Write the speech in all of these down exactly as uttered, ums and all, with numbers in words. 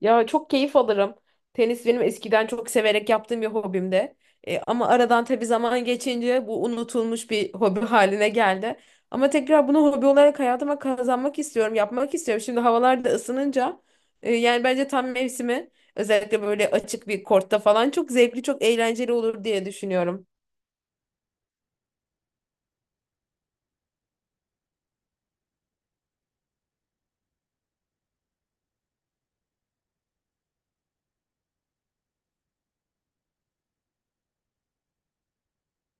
Ya çok keyif alırım. Tenis benim eskiden çok severek yaptığım bir hobimdi. E, ama aradan tabii zaman geçince bu unutulmuş bir hobi haline geldi. Ama tekrar bunu hobi olarak hayatıma kazanmak istiyorum, yapmak istiyorum. Şimdi havalar da ısınınca e, yani bence tam mevsimi, özellikle böyle açık bir kortta falan çok zevkli, çok eğlenceli olur diye düşünüyorum.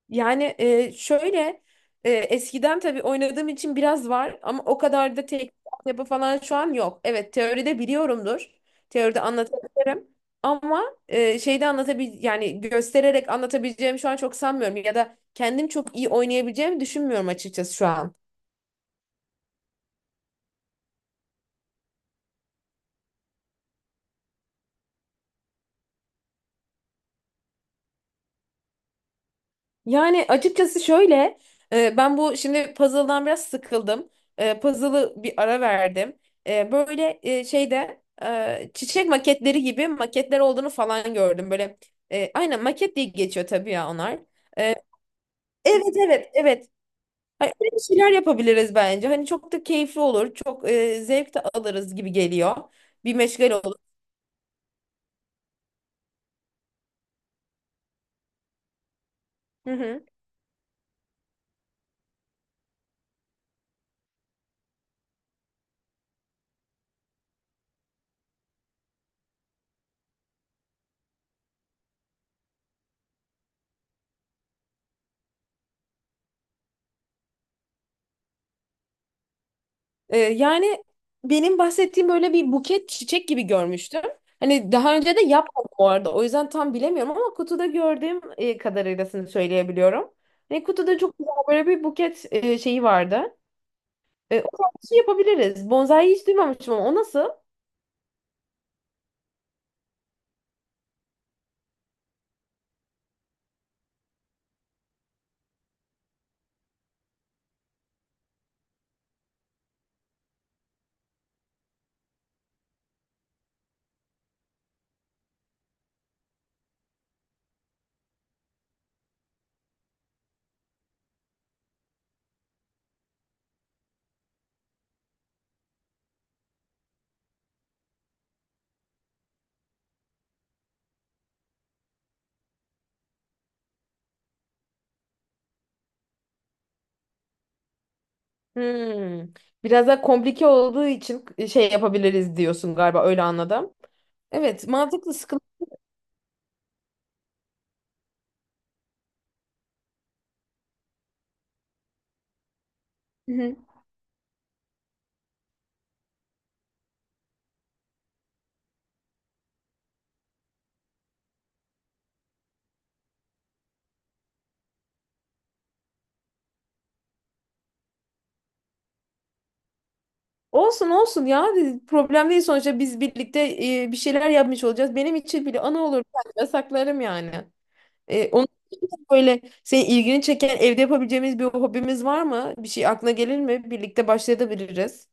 Yani e, şöyle, e, eskiden tabii oynadığım için biraz var ama o kadar da teknik yapı falan şu an yok. Evet, teoride biliyorumdur. Teoride anlatabilirim. Ama e, şeyde anlatabil yani göstererek anlatabileceğim şu an çok sanmıyorum ya da kendim çok iyi oynayabileceğimi düşünmüyorum açıkçası şu an. Yani açıkçası şöyle, e, ben bu şimdi puzzle'dan biraz sıkıldım. E, puzzle'ı bir ara verdim. E, böyle, e, şeyde, e, çiçek maketleri gibi maketler olduğunu falan gördüm. Böyle e, aynen maket diye geçiyor tabii ya onlar. E, evet, evet, evet. Hani öyle bir şeyler yapabiliriz bence. Hani çok da keyifli olur, çok e, zevk de alırız gibi geliyor. Bir meşgale olur. Hı hı. Ee, yani benim bahsettiğim böyle bir buket çiçek gibi görmüştüm. Hani daha önce de yapmadım bu arada. O yüzden tam bilemiyorum ama kutuda gördüğüm e, kadarıylasını söyleyebiliyorum. Hani kutuda çok güzel böyle bir buket e, şeyi vardı. E, o tarz bir şey yapabiliriz. Bonsai hiç duymamıştım ama o nasıl? Hmm. Biraz daha komplike olduğu için şey yapabiliriz diyorsun galiba, öyle anladım. Evet, mantıklı sıkıntı. Hı hı. Olsun olsun ya, problem değil. Sonuçta biz birlikte e, bir şeyler yapmış olacağız. Benim için bile ana olur, ben saklarım yani. E, onun için de böyle senin ilgini çeken evde yapabileceğimiz bir hobimiz var mı? Bir şey aklına gelir mi? Birlikte başlayabiliriz.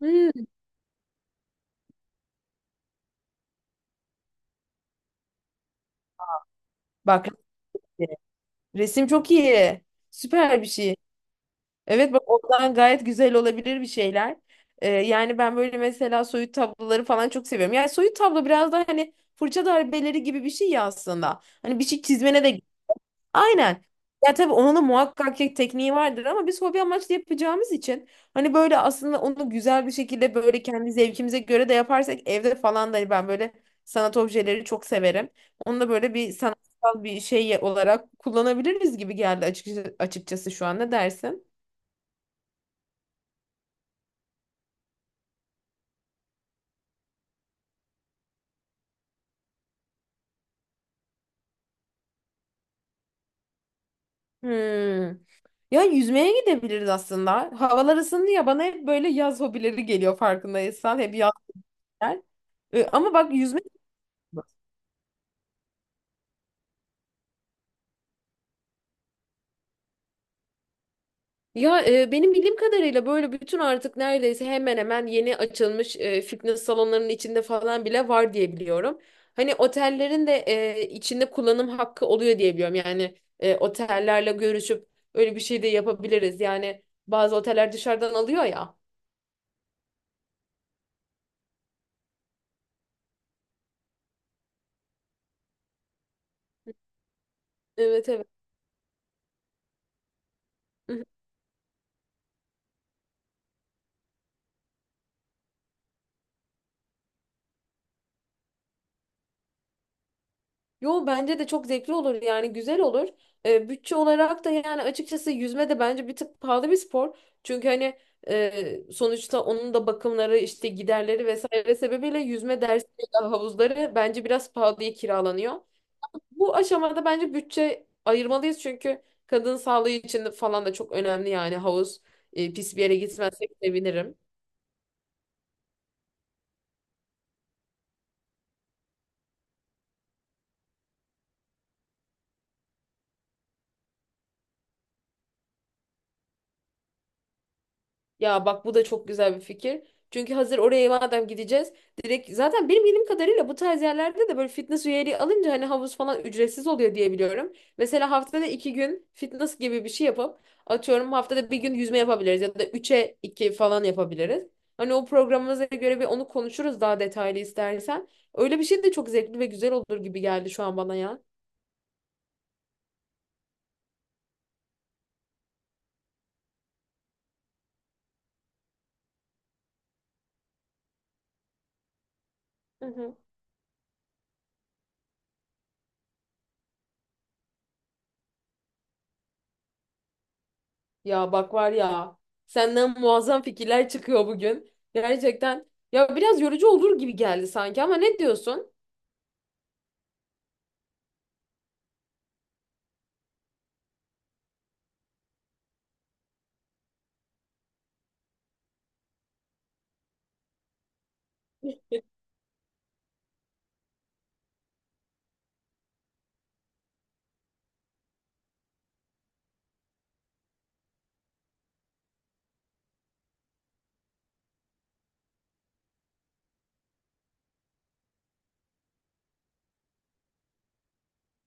Hmm. Bak, resim çok iyi. Süper bir şey. Evet, bak ondan gayet güzel olabilir bir şeyler. Ee, yani ben böyle mesela soyut tabloları falan çok seviyorum. Yani soyut tablo biraz da hani fırça darbeleri gibi bir şey ya aslında. Hani bir şey çizmene de aynen. Ya tabii onun da muhakkak ki tekniği vardır ama biz hobi amaçlı yapacağımız için hani böyle aslında onu güzel bir şekilde böyle kendi zevkimize göre de yaparsak evde falan da hani ben böyle sanat objeleri çok severim. Onu da böyle bir sanatsal bir şey olarak kullanabiliriz gibi geldi açıkçası, açıkçası şu an, ne dersin? Hmm. Ya yüzmeye gidebiliriz aslında. Havalar ısındı ya, bana hep böyle yaz hobileri geliyor farkındaysan. Hep yaz. Ee, ama bak yüzme. Ya e, benim bildiğim kadarıyla böyle bütün artık neredeyse hemen hemen yeni açılmış e, fitness salonlarının içinde falan bile var diye biliyorum. Hani otellerin de e, içinde kullanım hakkı oluyor diye biliyorum. Yani e, otellerle görüşüp öyle bir şey de yapabiliriz. Yani bazı oteller dışarıdan alıyor ya. Evet, evet. Yo, bence de çok zevkli olur yani, güzel olur. Ee, bütçe olarak da yani açıkçası yüzme de bence bir tık pahalı bir spor. Çünkü hani e, sonuçta onun da bakımları, işte giderleri vesaire sebebiyle yüzme dersleri, havuzları bence biraz pahalıya kiralanıyor. Bu aşamada bence bütçe ayırmalıyız çünkü kadın sağlığı için de falan da çok önemli. Yani havuz e, pis bir yere gitmezsek sevinirim. Ya bak, bu da çok güzel bir fikir. Çünkü hazır oraya madem gideceğiz, direkt zaten benim bildiğim kadarıyla bu tarz yerlerde de böyle fitness üyeliği alınca hani havuz falan ücretsiz oluyor diye biliyorum. Mesela haftada iki gün fitness gibi bir şey yapıp, atıyorum, haftada bir gün yüzme yapabiliriz ya da üçe iki falan yapabiliriz. Hani o programımıza göre bir onu konuşuruz daha detaylı istersen. Öyle bir şey de çok zevkli ve güzel olur gibi geldi şu an bana ya. Ya bak var ya, senden muazzam fikirler çıkıyor bugün. Gerçekten ya biraz yorucu olur gibi geldi sanki, ama ne diyorsun?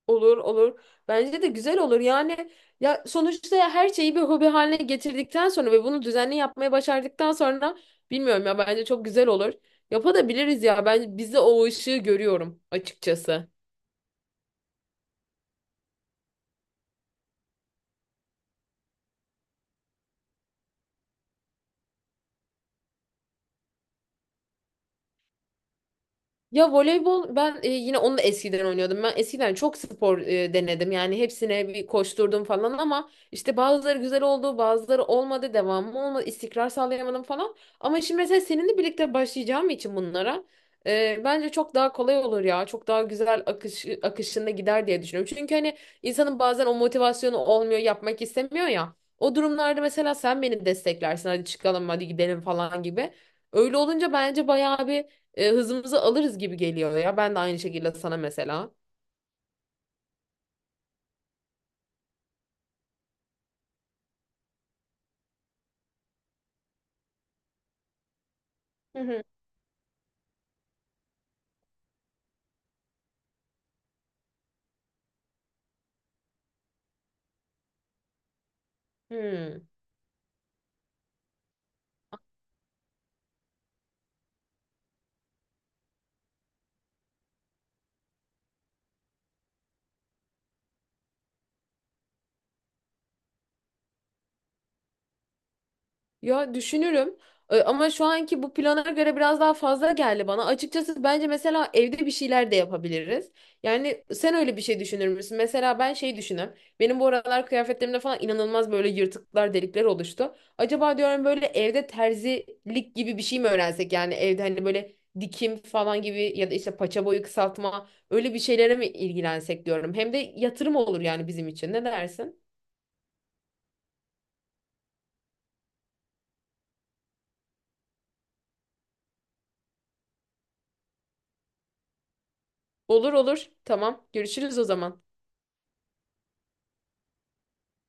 Olur olur. Bence de güzel olur. Yani ya sonuçta ya her şeyi bir hobi haline getirdikten sonra ve bunu düzenli yapmaya başardıktan sonra, bilmiyorum ya, bence çok güzel olur. Yapabiliriz ya. Ben bizde o ışığı görüyorum açıkçası. Ya voleybol, ben e, yine onu da eskiden oynuyordum. Ben eskiden çok spor e, denedim. Yani hepsine bir koşturdum falan ama işte bazıları güzel oldu, bazıları olmadı, devamı olmadı, istikrar sağlayamadım falan. Ama şimdi mesela seninle birlikte başlayacağım için bunlara e, bence çok daha kolay olur ya. Çok daha güzel akış akışında gider diye düşünüyorum. Çünkü hani insanın bazen o motivasyonu olmuyor, yapmak istemiyor ya. O durumlarda mesela sen beni desteklersin. Hadi çıkalım, hadi gidelim falan gibi. Öyle olunca bence bayağı bir e, hızımızı alırız gibi geliyor ya. Ben de aynı şekilde sana mesela. Hı hı. Hmm. Ya düşünürüm. E, ama şu anki bu plana göre biraz daha fazla geldi bana. Açıkçası bence mesela evde bir şeyler de yapabiliriz. Yani sen öyle bir şey düşünür müsün? Mesela ben şey düşünüyorum. Benim bu aralar kıyafetlerimde falan inanılmaz böyle yırtıklar, delikler oluştu. Acaba diyorum, böyle evde terzilik gibi bir şey mi öğrensek? Yani evde hani böyle dikim falan gibi ya da işte paça boyu kısaltma öyle bir şeylere mi ilgilensek diyorum. Hem de yatırım olur yani bizim için. Ne dersin? Olur olur. Tamam. Görüşürüz o zaman.